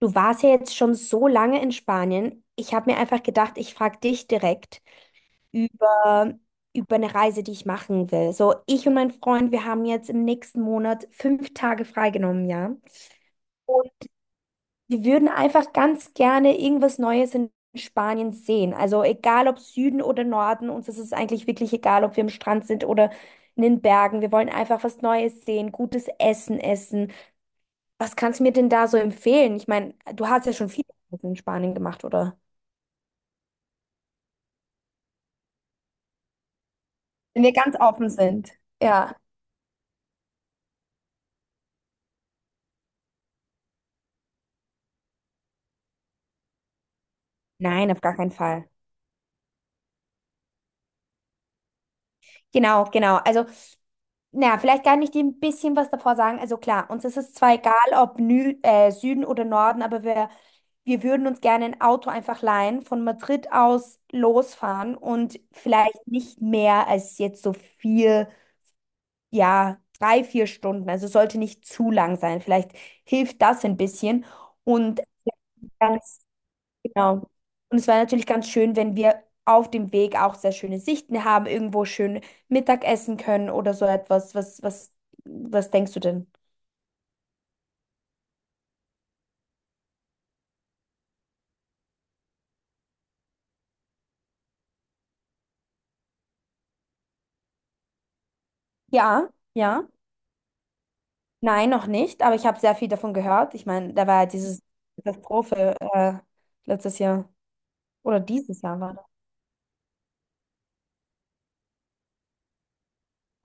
Du warst ja jetzt schon so lange in Spanien. Ich habe mir einfach gedacht, ich frage dich direkt über, über eine Reise, die ich machen will. So, ich und mein Freund, wir haben jetzt im nächsten Monat 5 Tage freigenommen, ja. Und wir würden einfach ganz gerne irgendwas Neues in Spanien sehen. Also egal ob Süden oder Norden, uns ist es eigentlich wirklich egal, ob wir am Strand sind oder in den Bergen. Wir wollen einfach was Neues sehen, gutes Essen essen. Was kannst du mir denn da so empfehlen? Ich meine, du hast ja schon viele Reisen in Spanien gemacht, oder? Wenn wir ganz offen sind. Ja. Nein, auf gar keinen Fall. Genau, genau. Also, na, vielleicht kann ich dir ein bisschen was davor sagen. Also klar, uns ist es zwar egal, ob Nü Süden oder Norden, aber wir würden uns gerne ein Auto einfach leihen, von Madrid aus losfahren und vielleicht nicht mehr als jetzt so vier, ja, drei, 4 Stunden. Also sollte nicht zu lang sein. Vielleicht hilft das ein bisschen. Und dann. Genau. Und es war natürlich ganz schön, wenn wir auf dem Weg auch sehr schöne Sichten haben, irgendwo schön Mittag essen können oder so etwas. Was denkst du denn? Ja, ja. Nein, noch nicht, aber ich habe sehr viel davon gehört. Ich meine, da war ja dieses Katastrophe letztes Jahr oder dieses Jahr war das.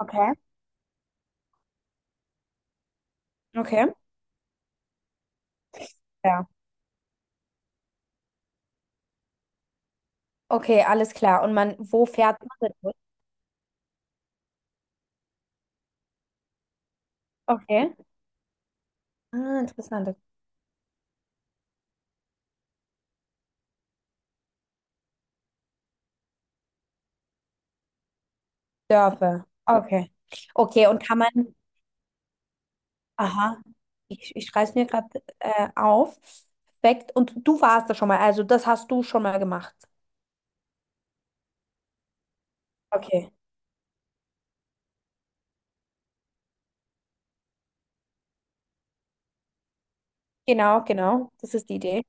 Okay. Okay. Ja. Okay, alles klar. Wo fährt man denn durch? Okay. Ah, interessante Dörfer. Okay. Okay, und kann man, aha. Ich schreibe es mir gerade auf. Perfekt. Und du warst da schon mal, also das hast du schon mal gemacht. Okay. Genau, genau. Das ist die Idee.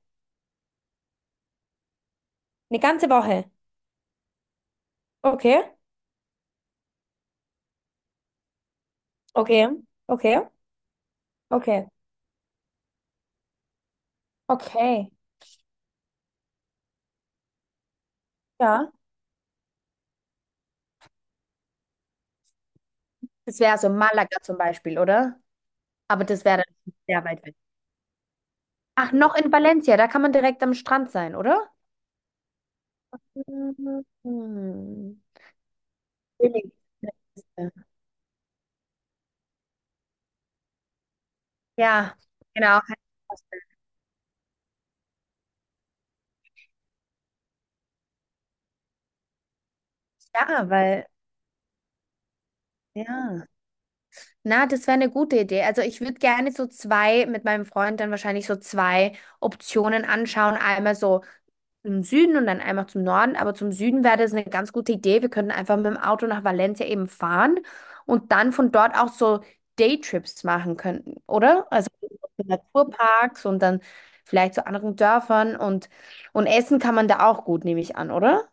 Eine ganze Woche. Okay, okay, okay, okay, okay, ja. Das wäre so Malaga zum Beispiel, oder? Aber das wäre dann sehr weit weg. Ach, noch in Valencia, da kann man direkt am Strand sein, oder? Mhm. Billig. Ja, genau, kann ich mir vorstellen. Ja, weil, ja. Na, das wäre eine gute Idee. Also ich würde gerne so zwei, mit meinem Freund dann wahrscheinlich so zwei Optionen anschauen. Einmal so im Süden und dann einmal zum Norden. Aber zum Süden wäre das eine ganz gute Idee. Wir könnten einfach mit dem Auto nach Valencia eben fahren und dann von dort auch so Daytrips machen könnten, oder? Also in Naturparks und dann vielleicht zu anderen Dörfern und essen kann man da auch gut, nehme ich an, oder?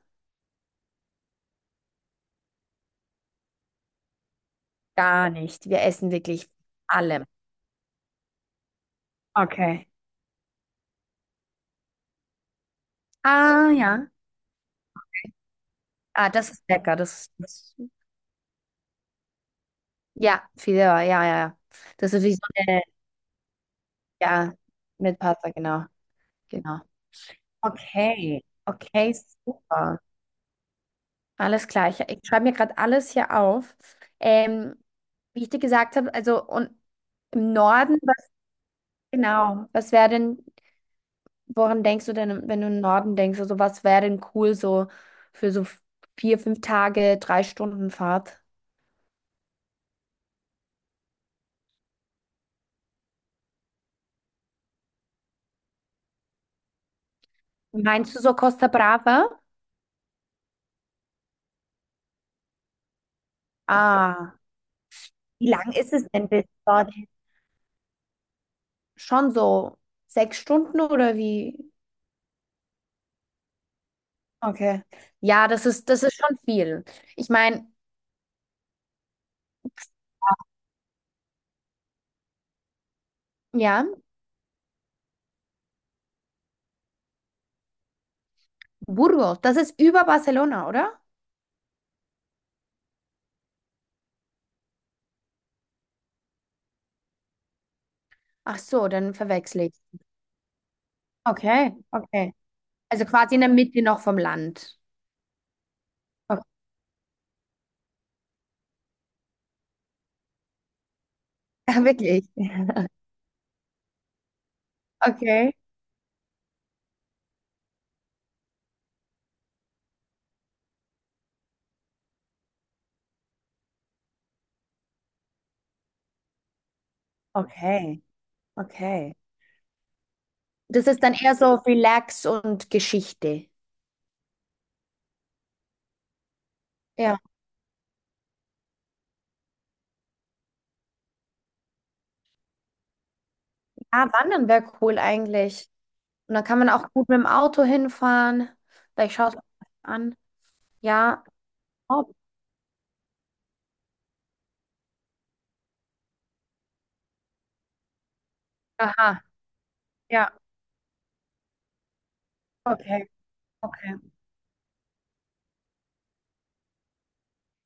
Gar nicht. Wir essen wirklich allem. Okay. Ah, ja. Ah, das ist lecker. Das ist, das, ja, Fideuá, ja, ja, ja. Das ist wie so eine, ja, mit Pasta, genau, genau. Okay, okay, super. Alles klar. Ich schreibe mir gerade alles hier auf. Ähm, Wie ich dir gesagt habe, also und im Norden, was genau, was wäre denn, woran denkst du denn, wenn du im Norden denkst, also was wäre denn cool so für so vier, fünf Tage, 3 Stunden Fahrt? Meinst du so Costa Brava? Ah. Wie lang ist es denn bis dorthin? Schon so 6 Stunden oder wie? Okay. Ja, das ist schon viel. Ich meine, ja, Burgos, das ist über Barcelona, oder? Ach so, dann verwechsel ich. Okay, okay. Also quasi in der Mitte noch vom Land. Okay. Ah, wirklich? Okay. Okay, okay. Das ist dann eher so Relax und Geschichte. Ja, ja, Wandern wäre cool eigentlich. Und dann kann man auch gut mit dem Auto hinfahren. Vielleicht schaust du das an. Ja. Oh. Aha. Ja. Okay. Okay.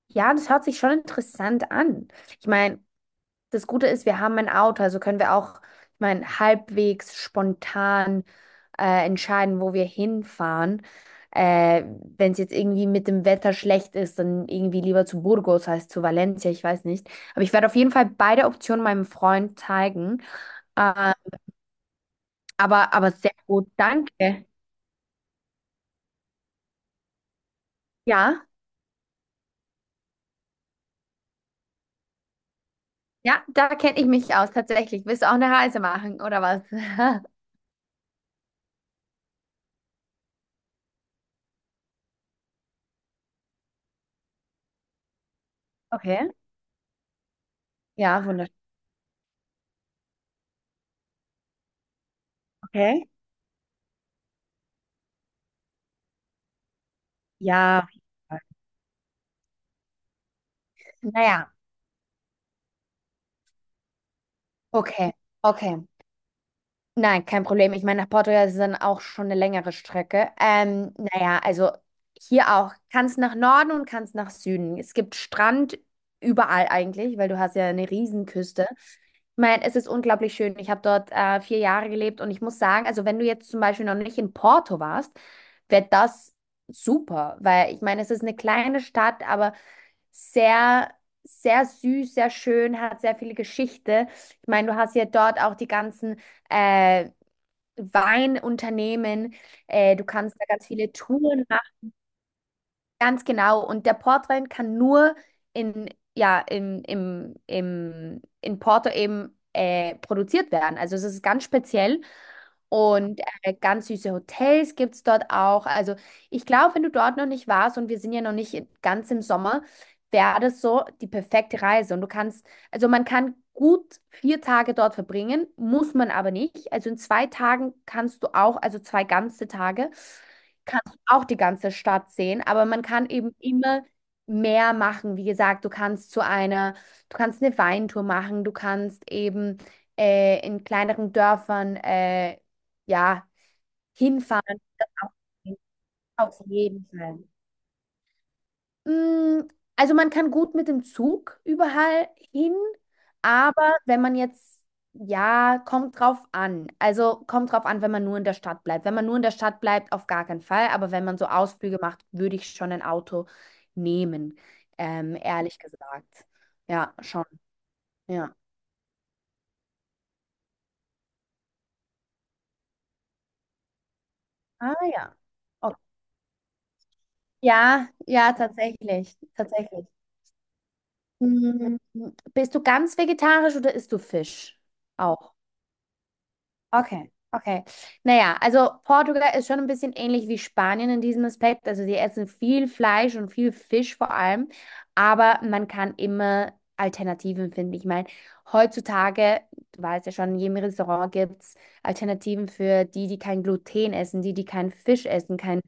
Ja, das hört sich schon interessant an. Ich meine, das Gute ist, wir haben ein Auto, also können wir auch, ich meine, halbwegs spontan entscheiden, wo wir hinfahren. Äh, Wenn es jetzt irgendwie mit dem Wetter schlecht ist, dann irgendwie lieber zu Burgos als zu Valencia, ich weiß nicht. Aber ich werde auf jeden Fall beide Optionen meinem Freund zeigen. Ähm, aber sehr gut, danke. Ja, ja, da kenne ich mich aus, tatsächlich. Willst du auch eine Reise machen, oder was? Okay. Ja, wunderschön. Okay. Ja, wie gesagt, naja, okay, okay. Nein, kein Problem. Ich meine, nach Portugal ist es dann auch schon eine längere Strecke. Naja, also hier auch. Kannst nach Norden und kannst nach Süden. Es gibt Strand überall eigentlich, weil du hast ja eine Riesenküste. Ich meine, es ist unglaublich schön. Ich habe dort 4 Jahre gelebt und ich muss sagen, also wenn du jetzt zum Beispiel noch nicht in Porto warst, wäre das super, weil ich meine, es ist eine kleine Stadt, aber sehr, sehr süß, sehr schön, hat sehr viel Geschichte. Ich meine, du hast ja dort auch die ganzen äh, Weinunternehmen. Du kannst da ganz viele Touren. Ganz genau. Und der Portwein kann nur in, ja, in, im, im, in Porto eben produziert werden. Also es ist ganz speziell. Und ganz süße Hotels gibt es dort auch. Also ich glaube, wenn du dort noch nicht warst und wir sind ja noch nicht ganz im Sommer, wäre das so die perfekte Reise. Und du kannst, also man kann gut 4 Tage dort verbringen, muss man aber nicht. Also in 2 Tagen kannst du auch, also 2 ganze Tage kannst du auch die ganze Stadt sehen, aber man kann eben immer mehr machen. Wie gesagt, du kannst eine Weintour machen, du kannst eben in kleineren Dörfern, ja, auf jeden Fall. Mm, Also man kann gut mit dem Zug überall hin, aber wenn man jetzt, ja, kommt drauf an. Also kommt drauf an, wenn man nur in der Stadt bleibt. Wenn man nur in der Stadt bleibt, auf gar keinen Fall. Aber wenn man so Ausflüge macht, würde ich schon ein Auto nehmen, ehrlich gesagt. Ja, schon. Ja. Ah ja. Okay. Ja, ja, tatsächlich. Tatsächlich. Mm, Bist du ganz vegetarisch oder isst du Fisch? Auch. Okay, okay. Naja, also Portugal ist schon ein bisschen ähnlich wie Spanien in diesem Aspekt. Also sie essen viel Fleisch und viel Fisch vor allem, aber man kann immer Alternativen finden. Ich meine, heutzutage, du weißt ja schon, in jedem Restaurant gibt es Alternativen für die, die kein Gluten essen, die, die keinen Fisch essen, kein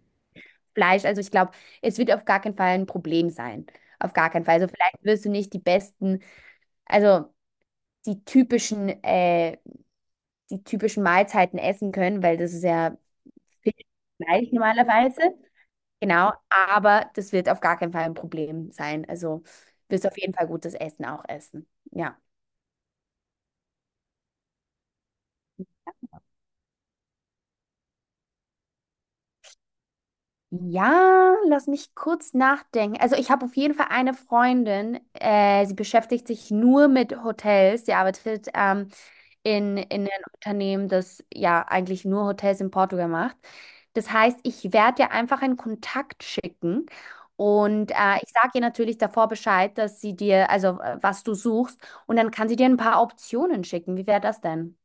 Fleisch. Also ich glaube, es wird auf gar keinen Fall ein Problem sein. Auf gar keinen Fall. Also vielleicht wirst du nicht die besten, also die typischen äh, die typischen Mahlzeiten essen können, weil das ist ja Fisch gleich normalerweise. Genau, aber das wird auf gar keinen Fall ein Problem sein. Also wirst auf jeden Fall gutes Essen auch essen. Ja. Ja, lass mich kurz nachdenken. Also ich habe auf jeden Fall eine Freundin, sie beschäftigt sich nur mit Hotels. Sie arbeitet in ein Unternehmen, das ja eigentlich nur Hotels in Portugal macht. Das heißt, ich werde dir einfach einen Kontakt schicken und ich sage ihr natürlich davor Bescheid, dass sie dir, also was du suchst, und dann kann sie dir ein paar Optionen schicken. Wie wäre das denn?